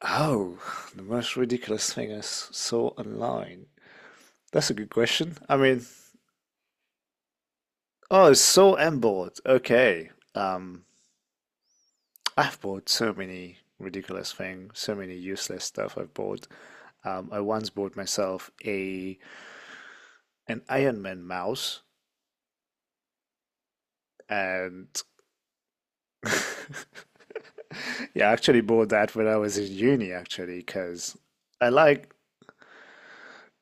Oh, the most ridiculous thing I saw online. That's a good question. I mean, oh, so I'm bored. Okay. Um, I've bought so many ridiculous things, so many useless stuff I've bought. I once bought myself a an Iron Man mouse, and yeah, I actually bought that when I was in uni, actually, because I like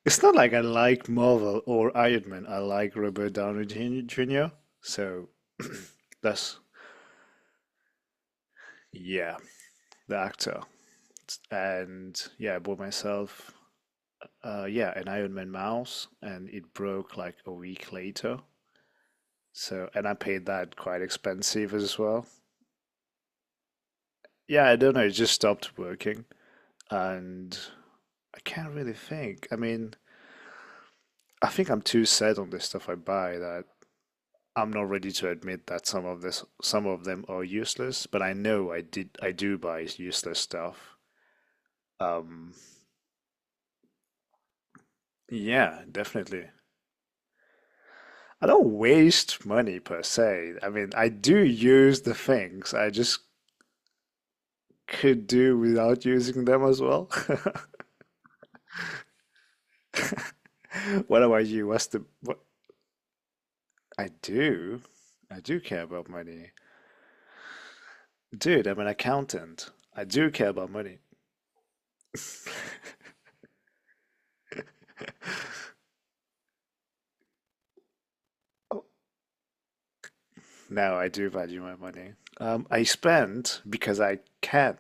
it's not like I like Marvel or Iron Man. I like Robert Downey Jr. So that's, yeah, the actor. And yeah, I bought myself, yeah, an Iron Man mouse and it broke like a week later. So, and I paid that quite expensive as well. Yeah, I don't know. It just stopped working. And I can't really think. I mean, I think I'm too set on the stuff I buy that I'm not ready to admit that some of this, some of them are useless, but I know I did, I do buy useless stuff. Um, yeah, definitely. I don't waste money per se. I mean, I do use the things. I just could do without using them as well. What about you? What's the what? I do, I do care about money, dude. I'm an accountant. I do care about money. Oh, now I do value my money. I spend because I can,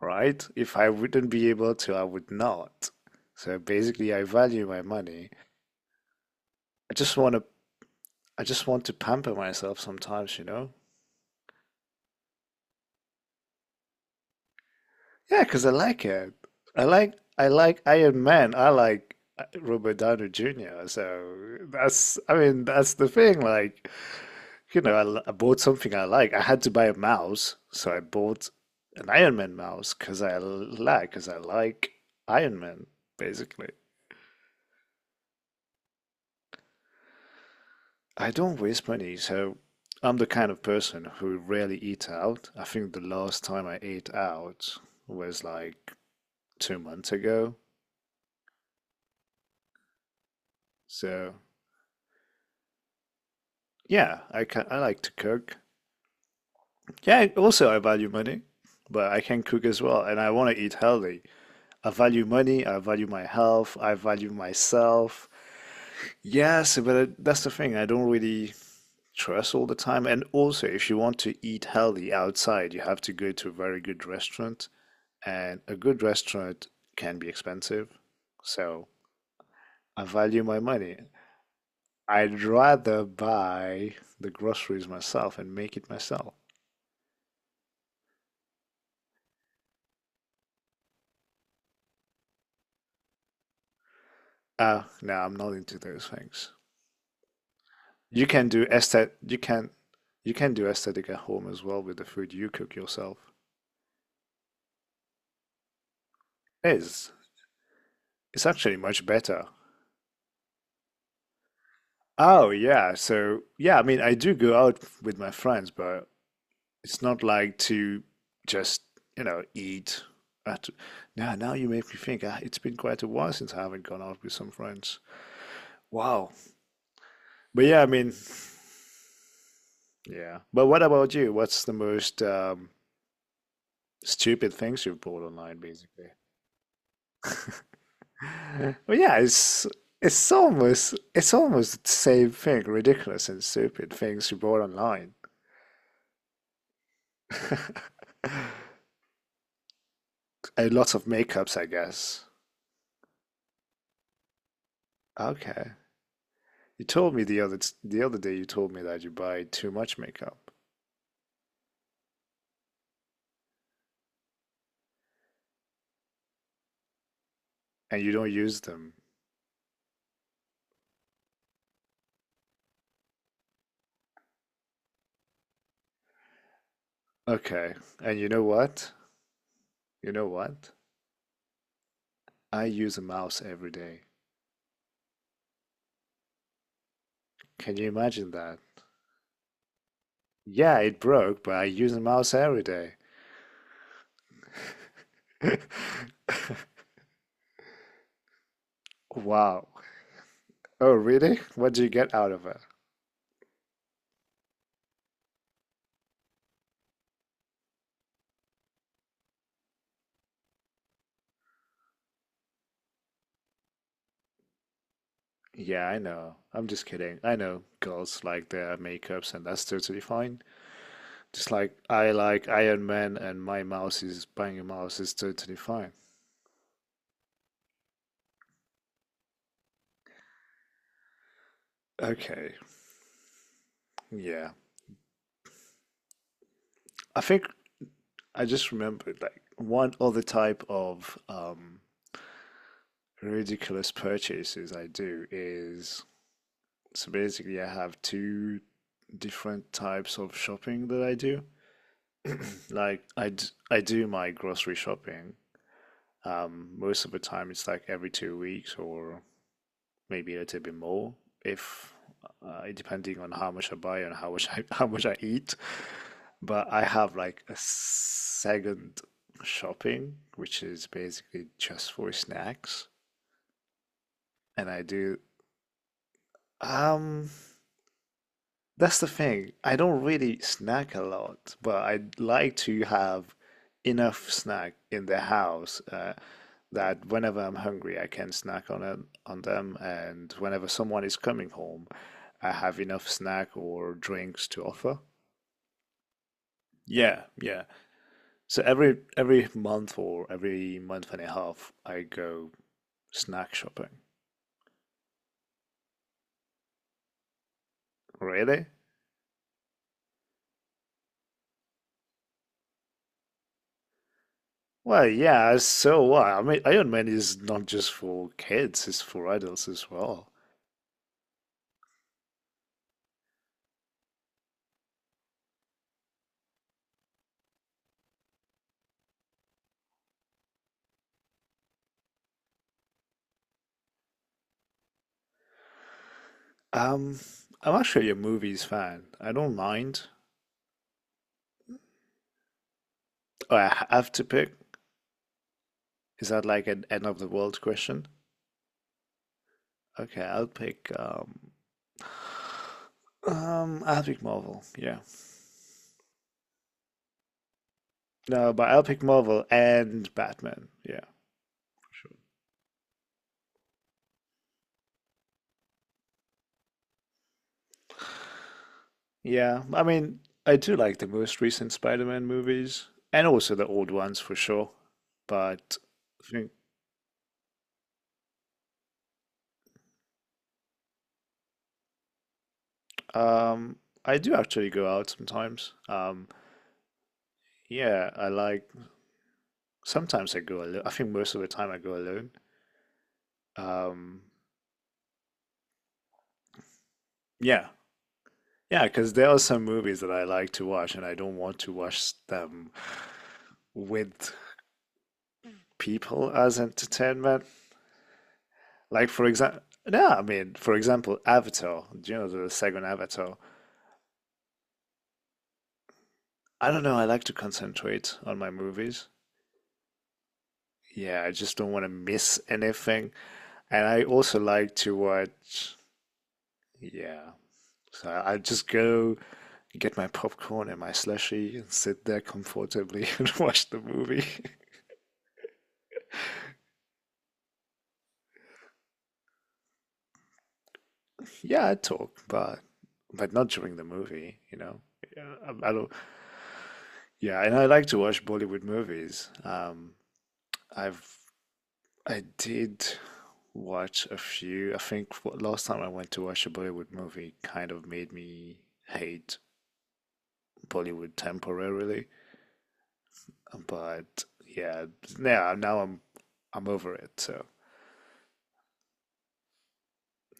right? If I wouldn't be able to, I would not. So basically, I value my money. I just want to, I just want to pamper myself sometimes, you know? Yeah, because I like it. I like Iron Man. I like Robert Downey Jr. So that's, I mean, that's the thing. Like, I bought something I like. I had to buy a mouse, so I bought an Iron Man mouse because I like Iron Man, basically. I don't waste money, so I'm the kind of person who rarely eat out. I think the last time I ate out was like 2 months ago. So yeah, I can, I like to cook. Yeah, also I value money, but I can cook as well, and I want to eat healthy. I value money, I value my health, I value myself. Yes, but that's the thing. I don't really trust all the time. And also, if you want to eat healthy outside, you have to go to a very good restaurant, and a good restaurant can be expensive. So I value my money. I'd rather buy the groceries myself and make it myself. No, I'm not into those things. You can do aesthet you can you can do aesthetic at home as well with the food you cook yourself. It's it's actually much better. Oh yeah, so yeah, I mean I do go out with my friends, but it's not like to just, eat. At, now, you make me think. Ah, it's been quite a while since I haven't gone out with some friends. Wow. But yeah, I mean, yeah. But what about you? What's the most stupid things you've bought online, basically? Well, yeah, it's almost the same thing. Ridiculous and stupid things you bought online. A lot of makeups, I guess. Okay. You told me the other day you told me that you buy too much makeup and you don't use them. Okay. And you know what? You know what? I use a mouse every day. Can you imagine that? Yeah, it broke, but I use a mouse every day. Wow. Oh, really? What do you get out of it? Yeah, I know. I'm just kidding. I know girls like their makeups, and that's totally fine. Just like I like Iron Man, and my mouse is buying a mouse is totally fine. Okay, yeah. I think I just remembered like one other type of ridiculous purchases I do is so basically I have two different types of shopping that I do. Like I do my grocery shopping. Most of the time it's like every 2 weeks or maybe a little bit more if depending on how much I buy and how much I how much I eat. But I have like a second shopping, which is basically just for snacks, and I do. um That's the thing. I don't really snack a lot, but I like to have enough snack in the house, that whenever I'm hungry, I can snack on it, on them, and whenever someone is coming home, I have enough snack or drinks to offer. Yeah, yeah. So every month or every month and a half, I go snack shopping. Really? Well, yeah, so what? I mean, Iron Man is not just for kids, it's for adults as well. Um, I'm actually a movie's fan. I don't mind. Oh, I have to pick. Is that like an end of the world question? Okay, I'll pick Marvel. Yeah. No, but I'll pick Marvel and Batman. Yeah. Sure. Yeah. I mean, I do like the most recent Spider-Man movies and also the old ones for sure. But I think um I do actually go out sometimes. Yeah, I like sometimes I go alone. I think most of the time I go alone. Um, yeah. Yeah, because there are some movies that I like to watch and I don't want to watch them with people as entertainment. Like for example, no, I mean, for example, Avatar, do you know, the second Avatar. I don't know, I like to concentrate on my movies. Yeah, I just don't want to miss anything. And I also like to watch, yeah. So I just go get my popcorn and my slushy and sit there comfortably and watch the movie. Yeah, I talk, but not during the movie. Yeah, I don't. Yeah, and I like to watch Bollywood movies. I've I did watch a few. I think last time I went to watch a Bollywood movie kind of made me hate Bollywood temporarily. But yeah, now I'm over it. So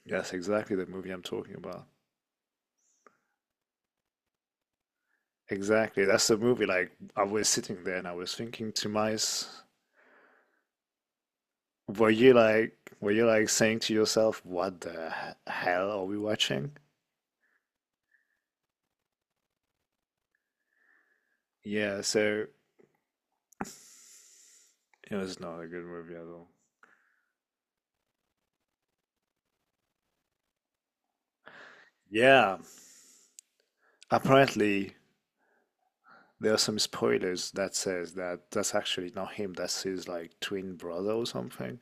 that's exactly the movie I'm talking about. Exactly. That's the movie. Like I was sitting there and I was thinking to myself, were you like saying to yourself, what the hell are we watching? Yeah, so it was not a good movie at all. Yeah, apparently there are some spoilers that says that that's actually not him, that's his like twin brother or something.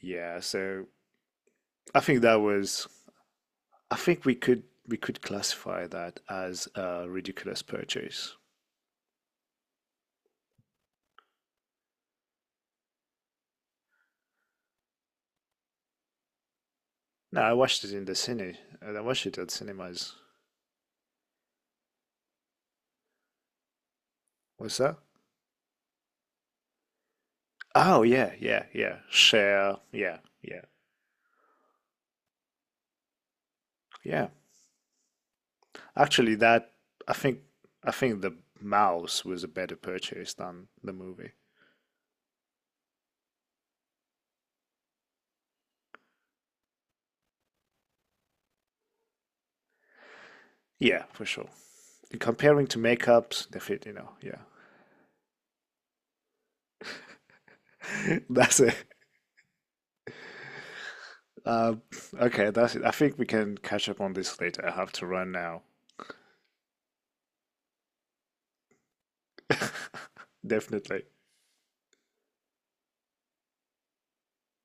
Yeah, so I think that was I think we could classify that as a ridiculous purchase. No, I watched it in the cine. I watched it at cinemas. What's that? Oh yeah, yeah, yeah. Share. Yeah, yeah, yeah. Actually, that I think I think the mouse was a better purchase than the movie. Yeah, for sure. Comparing to makeups, they fit. Yeah. That's it. Um, okay, that's it. I think we can catch up on this later. I have to run now. Definitely.